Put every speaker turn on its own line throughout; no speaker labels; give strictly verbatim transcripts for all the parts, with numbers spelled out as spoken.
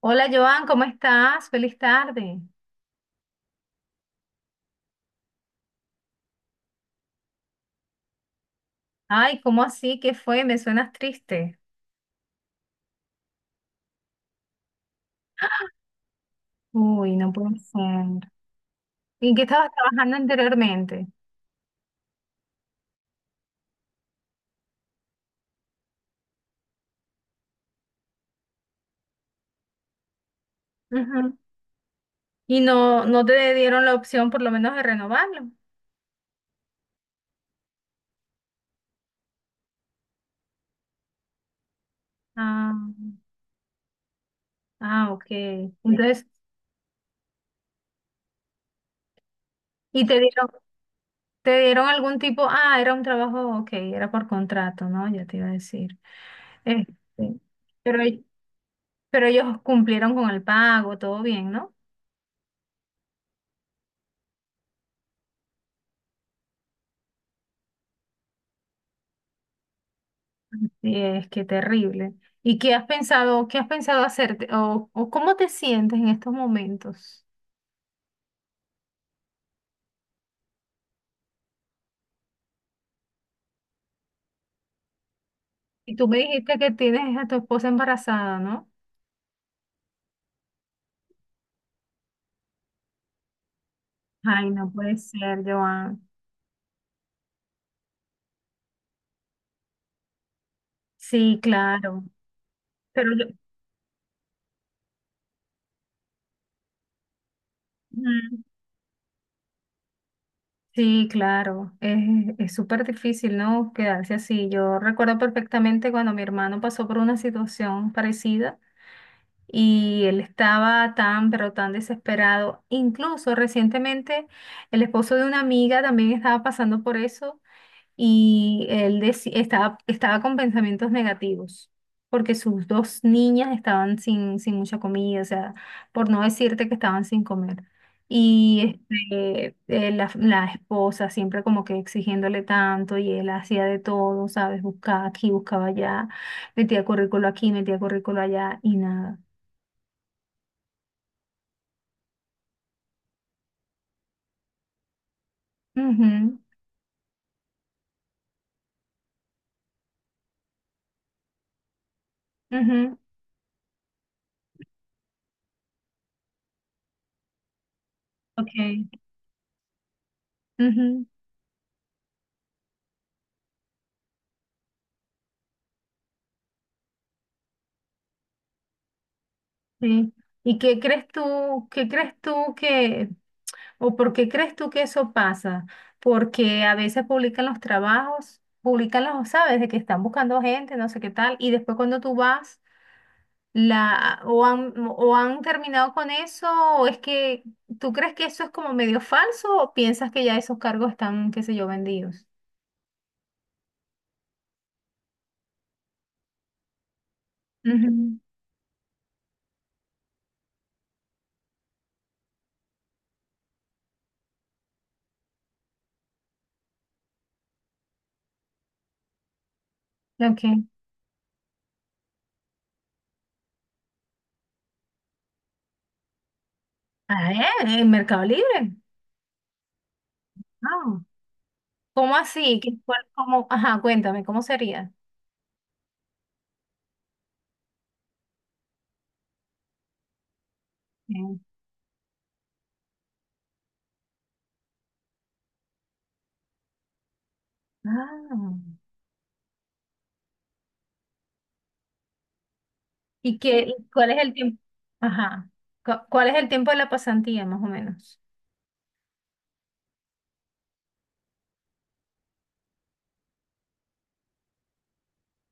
Hola Joan, ¿cómo estás? Feliz tarde. Ay, ¿cómo así? ¿Qué fue? Me suenas triste. Uy, no puede ser. ¿Y en qué estabas trabajando anteriormente? Ujú. Y no, no te dieron la opción por lo menos de renovarlo. Ah, ah, ok. Entonces, ¿y te dieron, te dieron algún tipo? Ah, era un trabajo, ok, era por contrato, ¿no? Ya te iba a decir. Este, pero, pero ellos cumplieron con el pago, todo bien, ¿no? Sí, es que terrible. ¿Y qué has pensado, qué has pensado hacerte o, o cómo te sientes en estos momentos? Y tú me dijiste que tienes a tu esposa embarazada, ¿no? Ay, no puede ser, Joan. Sí, claro. Pero yo, mm, sí, claro. Es, es súper difícil, ¿no? Quedarse así. Yo recuerdo perfectamente cuando mi hermano pasó por una situación parecida. Y él estaba tan, pero tan desesperado. Incluso recientemente el esposo de una amiga también estaba pasando por eso y él deci- estaba, estaba con pensamientos negativos porque sus dos niñas estaban sin, sin mucha comida, o sea, por no decirte que estaban sin comer. Y este, eh, la, la esposa siempre como que exigiéndole tanto y él hacía de todo, ¿sabes? Buscaba aquí, buscaba allá, metía currículo aquí, metía currículo allá y nada. Ujú, ujú, ok, ujú, sí. ¿Y qué crees tú, qué crees tú que, o por qué crees tú que eso pasa? Porque a veces publican los trabajos, publican los, sabes, de que están buscando gente, no sé qué tal, y después cuando tú vas, la, o han, o han terminado con eso, o es que, ¿tú crees que eso es como medio falso o piensas que ya esos cargos están, qué sé yo, vendidos? Ujú, ok. Ah, eh, en Mercado Libre. Ah, ¿cómo así? ¿Qué- cuál- ¿cómo? Ajá, cuéntame, ¿cómo sería? Mm. Ah, ¿y qué, y cuál es el tiempo? Ajá. cu- ¿Cuál es el tiempo de la pasantía, más o menos?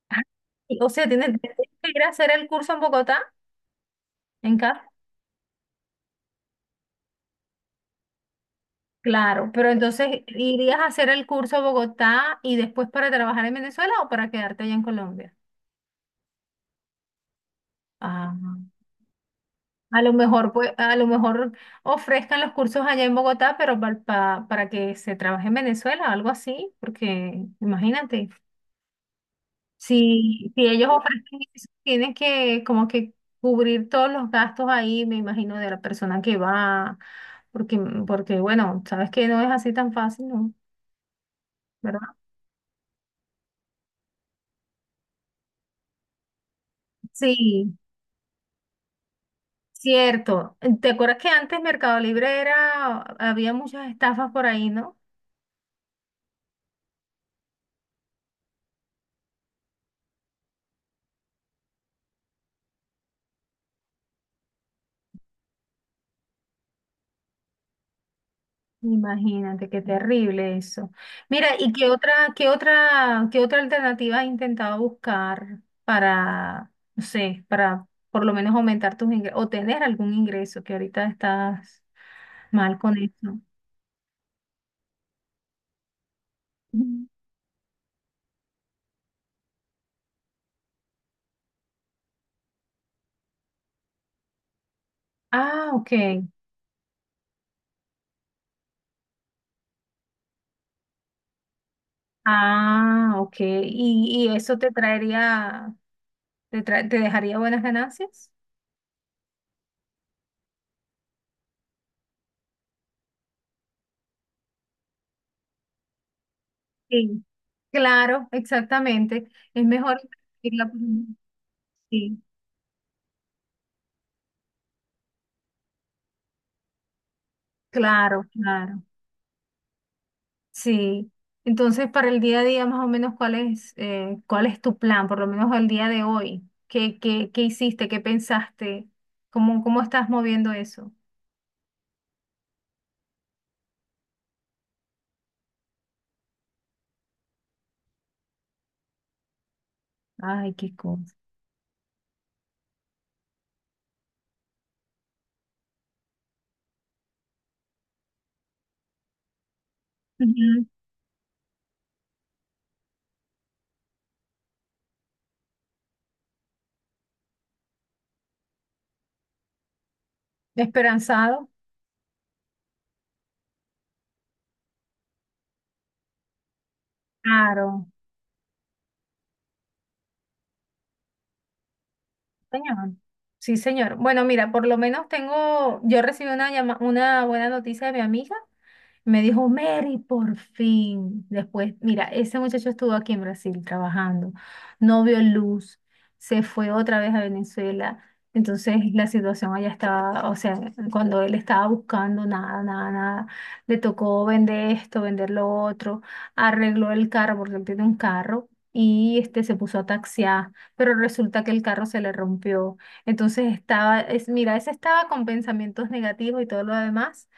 Ah, y- o sea, ¿tienes, tienes que ir a hacer el curso en Bogotá, en casa? Claro, pero entonces, ¿irías a hacer el curso a Bogotá y después para trabajar en Venezuela o para quedarte allá en Colombia? Ah. A lo mejor, pues, a lo mejor ofrezcan los cursos allá en Bogotá, pero pa- pa- para que se trabaje en Venezuela, algo así, porque imagínate, si, si ellos ofrecen eso, tienen que como que cubrir todos los gastos ahí, me imagino, de la persona que va, porque, mm, porque bueno, sabes que no es así tan fácil, ¿no? ¿Verdad? Sí, cierto. ¿Te acuerdas que antes Mercado Libre era, había muchas estafas por ahí, ¿no? Imagínate, qué terrible eso. Mira, ¿y sí, qué otra, qué otra, qué otra alternativa has intentado buscar para, no sé, para por lo menos aumentar tus ingresos o tener algún ingreso que ahorita estás mal con eso? Ujú. Ah, ok. Ah, ok. ¿Y, y eso te traería, te tra- te dejaría buenas ganancias? Sí. Claro, exactamente. Es mejor invertirla por- Sí, claro, claro. Sí, entonces para el día a día más o menos cuál es eh, cuál es tu plan, por lo menos el día de hoy. ¿Qué, qué, qué hiciste? ¿Qué pensaste? ¿Cómo, cómo estás moviendo eso? Ay, qué cosa. Ujú. Esperanzado. Claro, señor. Sí, señor. Bueno, mira, por lo menos tengo, yo recibí una llama- una buena noticia de mi amiga. Me dijo, Mary, por fin. Después, mira, ese muchacho estuvo aquí en Brasil trabajando, no vio luz, se fue otra vez a Venezuela. Entonces la situación allá estaba, o sea, cuando él estaba buscando nada, nada, nada, le tocó vender esto, vender lo otro, arregló el carro porque él tiene un carro y este se puso a taxiar, pero resulta que el carro se le rompió. Entonces estaba, es, mira, ese estaba con pensamientos negativos y todo lo demás.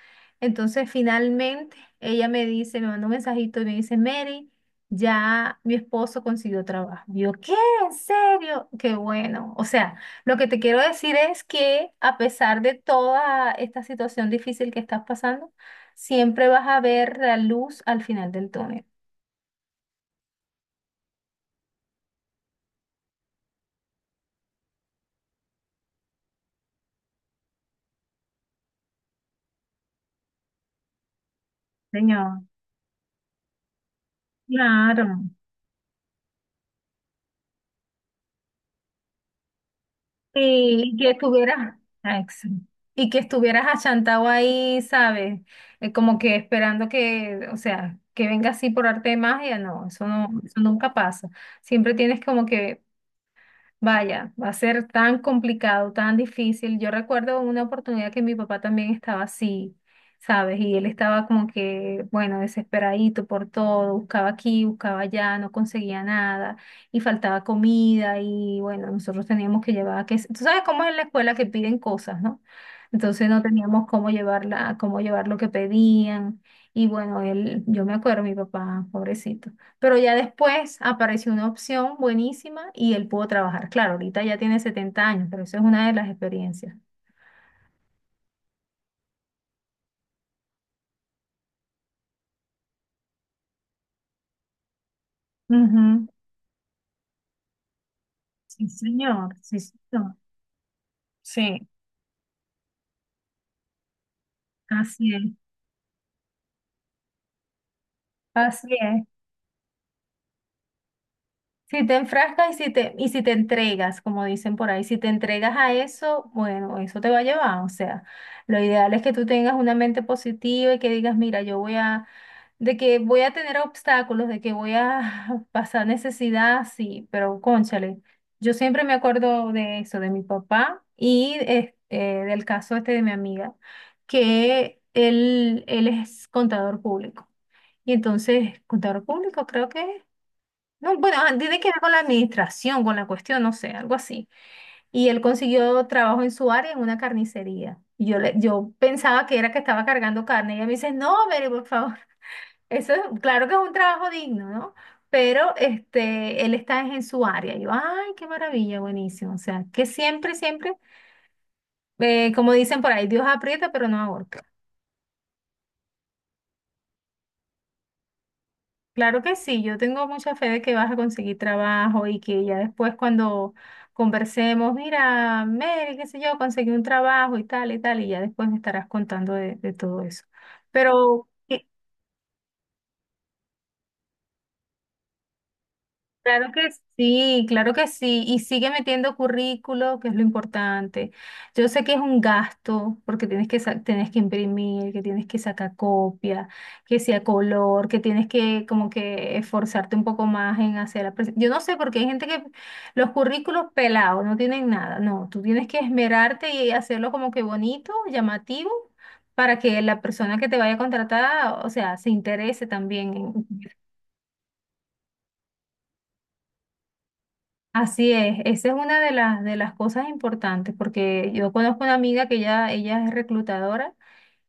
Entonces, finalmente, ella me dice, me mandó un mensajito y me dice, Mary, ya mi esposo consiguió trabajo. Yo, ¿qué? ¿En serio? Qué bueno. O sea, lo que te quiero decir es que a pesar de toda esta situación difícil que estás pasando, siempre vas a ver la luz al final del túnel. Señor, claro. Y que estuvieras, ah, ex- y que estuvieras achantado ahí, ¿sabes? Eh, como que esperando que, o sea, que venga así por arte de magia, no, eso no, eso nunca pasa. Siempre tienes como que vaya, va a ser tan complicado, tan difícil. Yo recuerdo una oportunidad que mi papá también estaba así, ¿sabes? Y él estaba como que, bueno, desesperadito por todo, buscaba aquí, buscaba allá, no conseguía nada y faltaba comida y bueno, nosotros teníamos que llevar, que, tú sabes cómo es en la escuela que piden cosas, ¿no? Entonces no teníamos cómo llevarla, cómo llevar lo que pedían y bueno, él, yo me acuerdo, mi papá, pobrecito. Pero ya después apareció una opción buenísima y él pudo trabajar. Claro, ahorita ya tiene setenta años, pero eso es una de las experiencias. Ujú. Sí, señor, sí, señor. Sí, así es, así es. Si te enfrascas y si te, y si te entregas, como dicen por ahí, si te entregas a eso, bueno, eso te va a llevar. O sea, lo ideal es que tú tengas una mente positiva y que digas, mira, yo voy a, de que voy a tener obstáculos, de que voy a pasar necesidad, sí, pero cónchale, yo siempre me acuerdo de eso, de mi papá y eh, eh, del caso este de mi amiga, que él, él es contador público. Y entonces, contador público, creo que es. No, bueno, ah, tiene que ver con la administración, con la cuestión, no sé, algo así. Y él consiguió trabajo en su área en una carnicería. Y yo, le, yo pensaba que era que estaba cargando carne. Y ella me dice, no, Mary, por favor. Eso es, claro que es un trabajo digno, ¿no? Pero este, él está en su área. Y yo, ay, qué maravilla, buenísimo. O sea, que siempre, siempre, eh, como dicen por ahí, Dios aprieta, pero no ahorca. Claro que sí, yo tengo mucha fe de que vas a conseguir trabajo y que ya después cuando conversemos, mira, Mary, qué sé yo, conseguí un trabajo y tal y tal, y ya después me estarás contando de, de todo eso. Pero, ¿qué- Claro que sí, claro que sí. Y sigue metiendo currículo, que es lo importante. Yo sé que es un gasto, porque tienes que, sa- tienes que imprimir, que tienes que sacar copia, que sea color, que tienes que como que esforzarte un poco más en hacer la presen- yo no sé, porque hay gente que los currículos pelados no tienen nada. No, tú tienes que esmerarte y hacerlo como que bonito, llamativo, para que la persona que te vaya a contratar, o sea, se interese también. Así es, esa es una de las, de las cosas importantes, porque yo conozco una amiga que ya, ella es reclutadora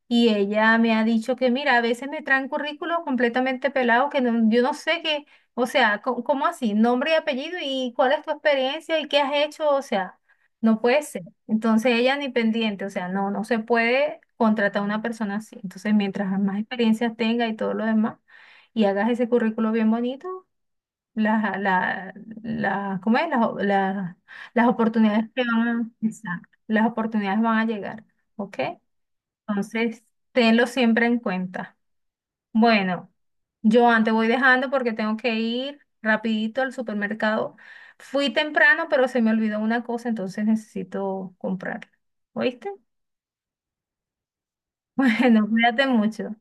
y ella me ha dicho que, mira, a veces me traen currículos completamente pelados que no- yo no sé qué, o sea, co- ¿cómo así? Nombre y apellido y cuál es tu experiencia y qué has hecho, o sea, no puede ser. Entonces ella ni pendiente, o sea, no, no se puede contratar a una persona así. Entonces, mientras más experiencias tenga y todo lo demás, y hagas ese currículo bien bonito la, la, la- ¿cómo es? Las, o- la- las oportunidades que van a, exacto, las oportunidades van a llegar, ¿ok? Entonces, tenlo siempre en cuenta. Bueno, yo antes voy dejando porque tengo que ir rapidito al supermercado. Fui temprano, pero se me olvidó una cosa, entonces necesito comprarla. ¿Oíste? Bueno, cuídate mucho.